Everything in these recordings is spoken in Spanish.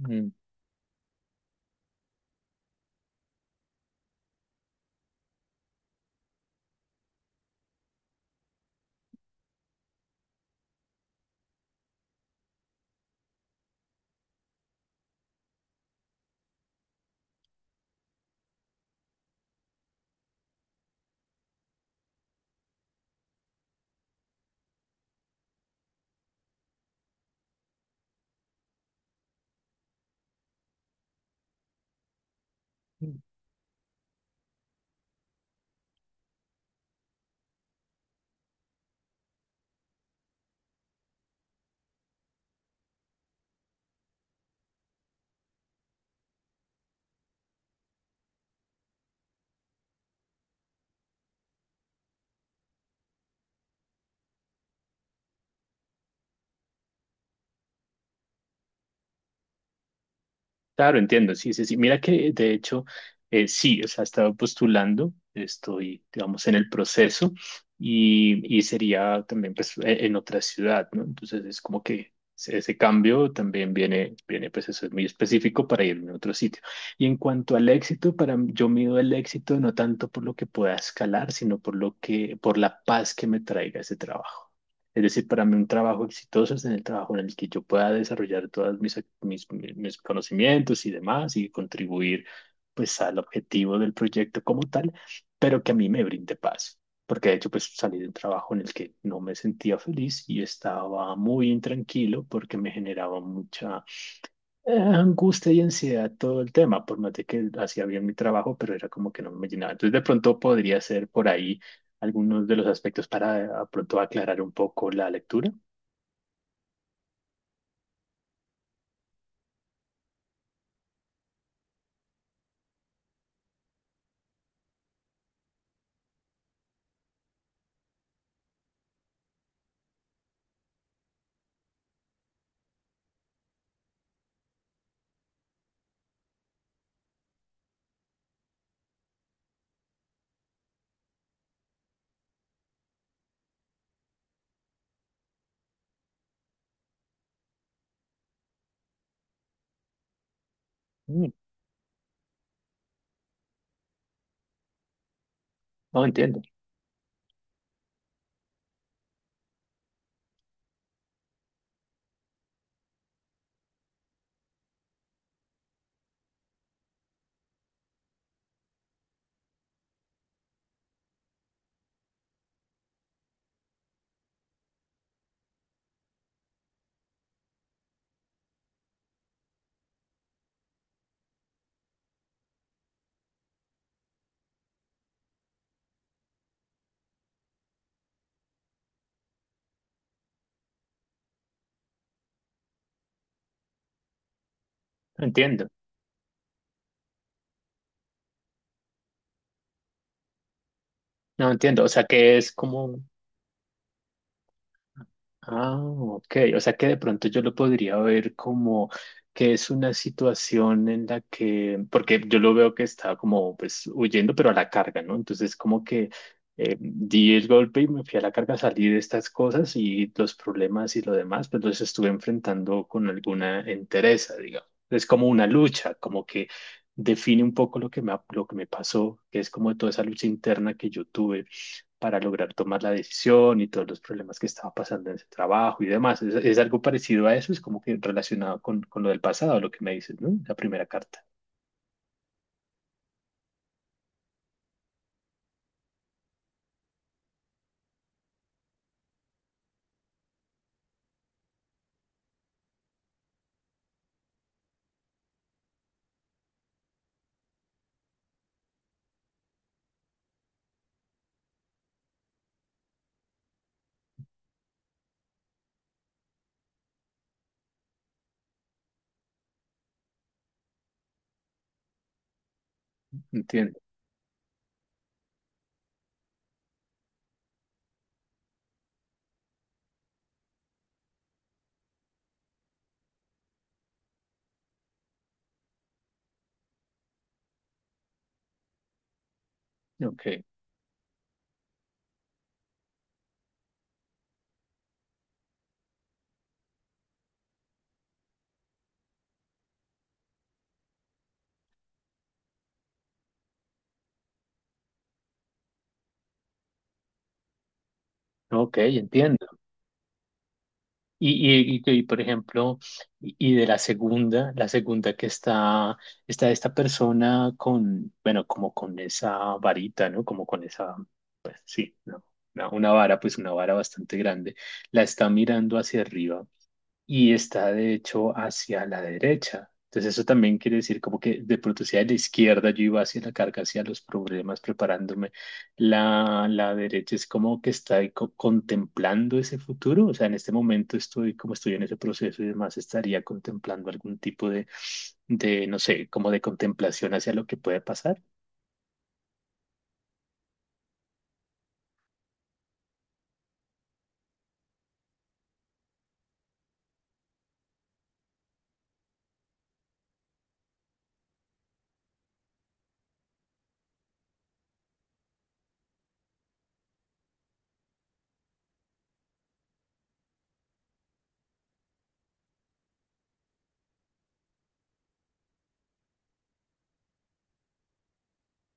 Mm, claro, entiendo, sí, sí, sí. Mira que de hecho, sí, o sea, estaba postulando, estoy, digamos, en el proceso y sería también pues, en otra ciudad, ¿no? Entonces es como que ese cambio también viene, viene, pues eso es muy específico para irme a otro sitio. Y en cuanto al éxito, para yo mido el éxito no tanto por lo que pueda escalar, sino por lo que, por la paz que me traiga ese trabajo. Es decir, para mí un trabajo exitoso es en el trabajo en el que yo pueda desarrollar todos mis, ac- mis, mi- mis conocimientos y demás y contribuir pues al objetivo del proyecto como tal, pero que a mí me brinde paz. Porque de hecho pues salí de un trabajo en el que no me sentía feliz y estaba muy intranquilo porque me generaba mucha angustia y ansiedad todo el tema, por más de que hacía bien mi trabajo, pero era como que no me llenaba. Entonces, de pronto podría ser por ahí algunos de los aspectos para de pronto aclarar un poco la lectura. Mm, no entiendo, no entiendo, no entiendo. O sea, ¿que es como? Ah, ok. O sea que de pronto yo lo podría ver como que es una situación en la que, porque yo lo veo que está como pues huyendo, pero a la carga, ¿no? Entonces como que di el golpe y me fui a la carga, salí de estas cosas y los problemas y lo demás, pues los estuve enfrentando con alguna entereza, digamos. Es como una lucha, como que define un poco lo que lo que me pasó, que es como toda esa lucha interna que yo tuve para lograr tomar la decisión y todos los problemas que estaba pasando en ese trabajo y demás. Es algo parecido a eso? Es como que relacionado con lo del pasado, lo que me dices, ¿no? La primera carta. Entiendo. Ok. Ok, entiendo. Por ejemplo, y de la segunda que está, está esta persona con, bueno, como con esa varita, ¿no? Como con esa, pues sí, ¿no? Una vara, pues una vara bastante grande, la está mirando hacia arriba y está de hecho hacia la derecha. Entonces eso también quiere decir como que de pronto hacia la izquierda yo iba hacia la carga, hacia los problemas, preparándome. La derecha es como que está ahí contemplando ese futuro. O sea, en este momento estoy, como estoy en ese proceso y demás, estaría contemplando algún tipo de, no sé, como de contemplación hacia lo que puede pasar.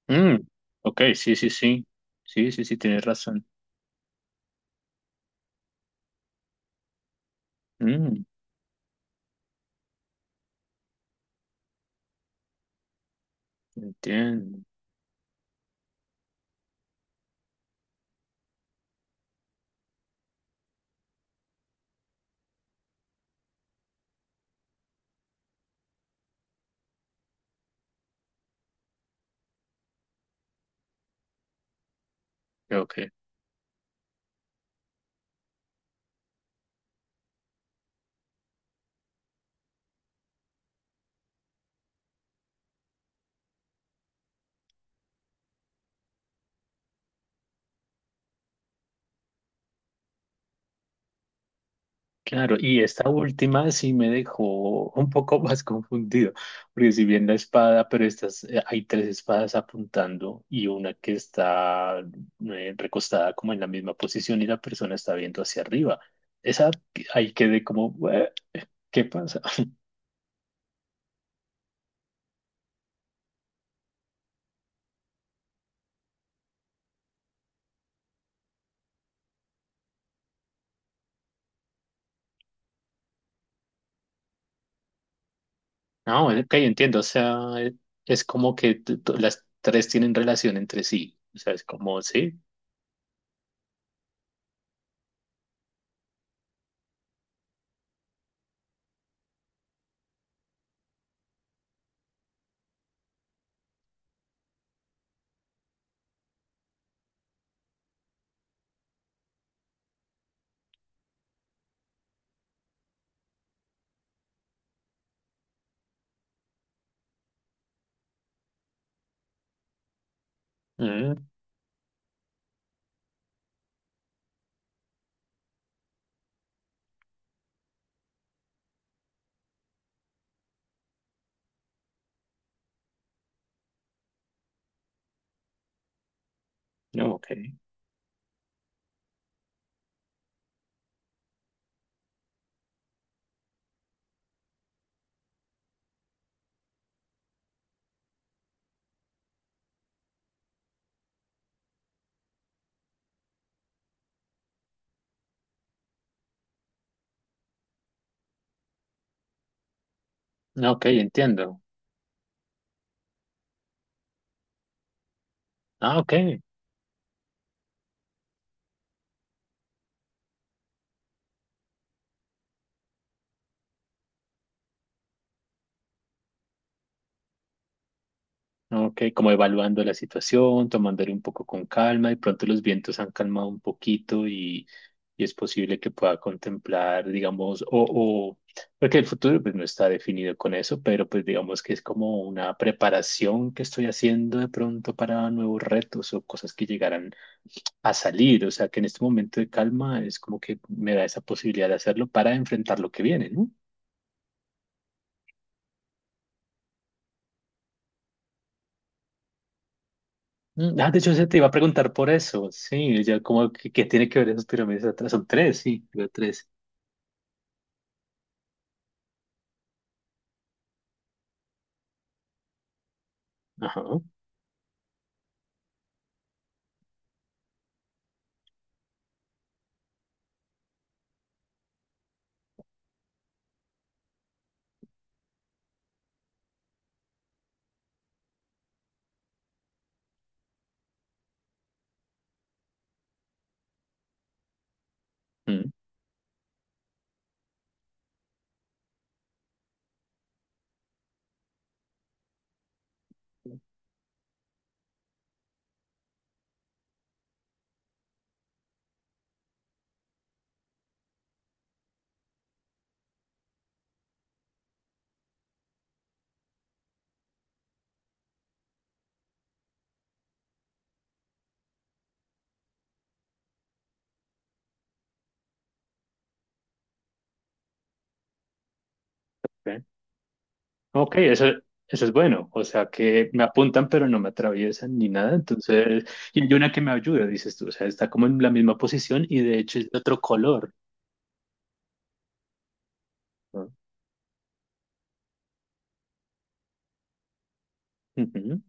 Mm, ok, sí, sí, sí. Sí, sí, sí, tienes razón. Mm, entiendo. Ok. Claro, y esta última sí me dejó un poco más confundido, porque si bien la espada, pero estas, hay tres espadas apuntando y una que está recostada como en la misma posición y la persona está viendo hacia arriba. Esa ahí quedé como, "Ué, ¿qué pasa?" No, ok, entiendo, o sea, es, es como que las tres tienen relación entre sí, o sea, es como, sí, mm, no, ok, no, ok, entiendo, ah, ok. ¿No? Ok, como evaluando la situación, tomándole un poco con calma, de pronto los vientos han calmado un poquito y es posible que pueda contemplar, digamos, o, porque el futuro pues no está definido con eso, pero pues digamos que es como una preparación que estoy haciendo de pronto para nuevos retos o cosas que llegarán a salir, o sea que en este momento de calma es como que me da esa posibilidad de hacerlo para enfrentar lo que viene, ¿no? Mm, ah, de hecho, se te iba a preguntar por eso. Sí, ya como que tiene que ver esas pirámides atrás. Son tres, sí, veo tres. Ajá. Mm, ok, ok, eso es bueno. O sea, que me apuntan, pero no me atraviesan ni nada. Entonces, y hay una que me ayuda, dices tú. O sea, está como en la misma posición y de hecho es de otro color. ¿No?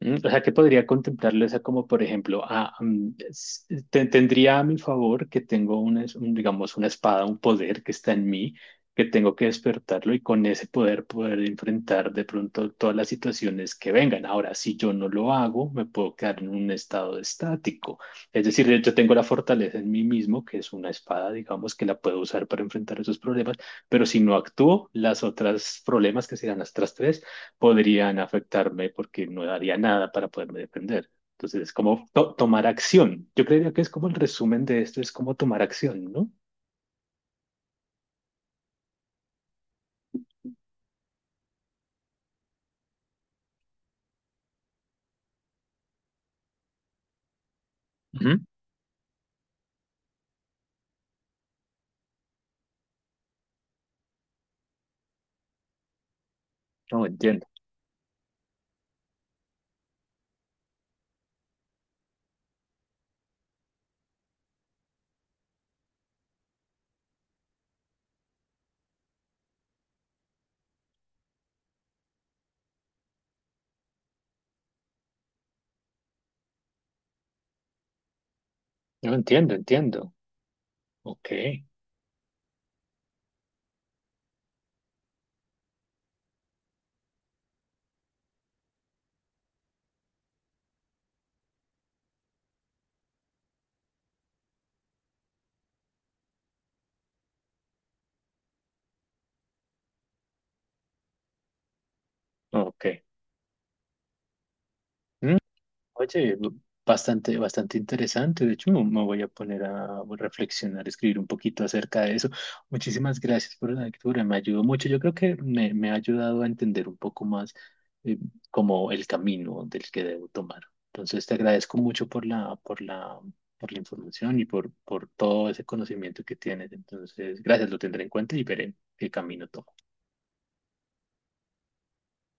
Mm, o sea, que podría contemplarlo esa como, por ejemplo, ah, mm, tendría a mi favor que tengo una, un, digamos, una espada, un poder que está en mí, que tengo que despertarlo y con ese poder poder enfrentar de pronto todas las situaciones que vengan. Ahora, si yo no lo hago, me puedo quedar en un estado estático. Es decir, yo tengo la fortaleza en mí mismo, que es una espada, digamos, que la puedo usar para enfrentar esos problemas, pero si no actúo, las otras problemas, que serán las otras tres, podrían afectarme porque no daría nada para poderme defender. Entonces es como tomar acción. Yo creería que es como el resumen de esto, es como tomar acción, ¿no? Ujú. No, entiendo. No, entiendo, entiendo. Ok, ok. Mm, oye, bastante, bastante interesante. De hecho, me voy a poner a reflexionar, escribir un poquito acerca de eso. Muchísimas gracias por la lectura, me ayudó mucho. Yo creo que me ha ayudado a entender un poco más eh, como el camino del que debo tomar. Entonces, te agradezco mucho por la, por la, por la información y por todo ese conocimiento que tienes. Entonces, gracias, lo tendré en cuenta y veré qué camino tomo.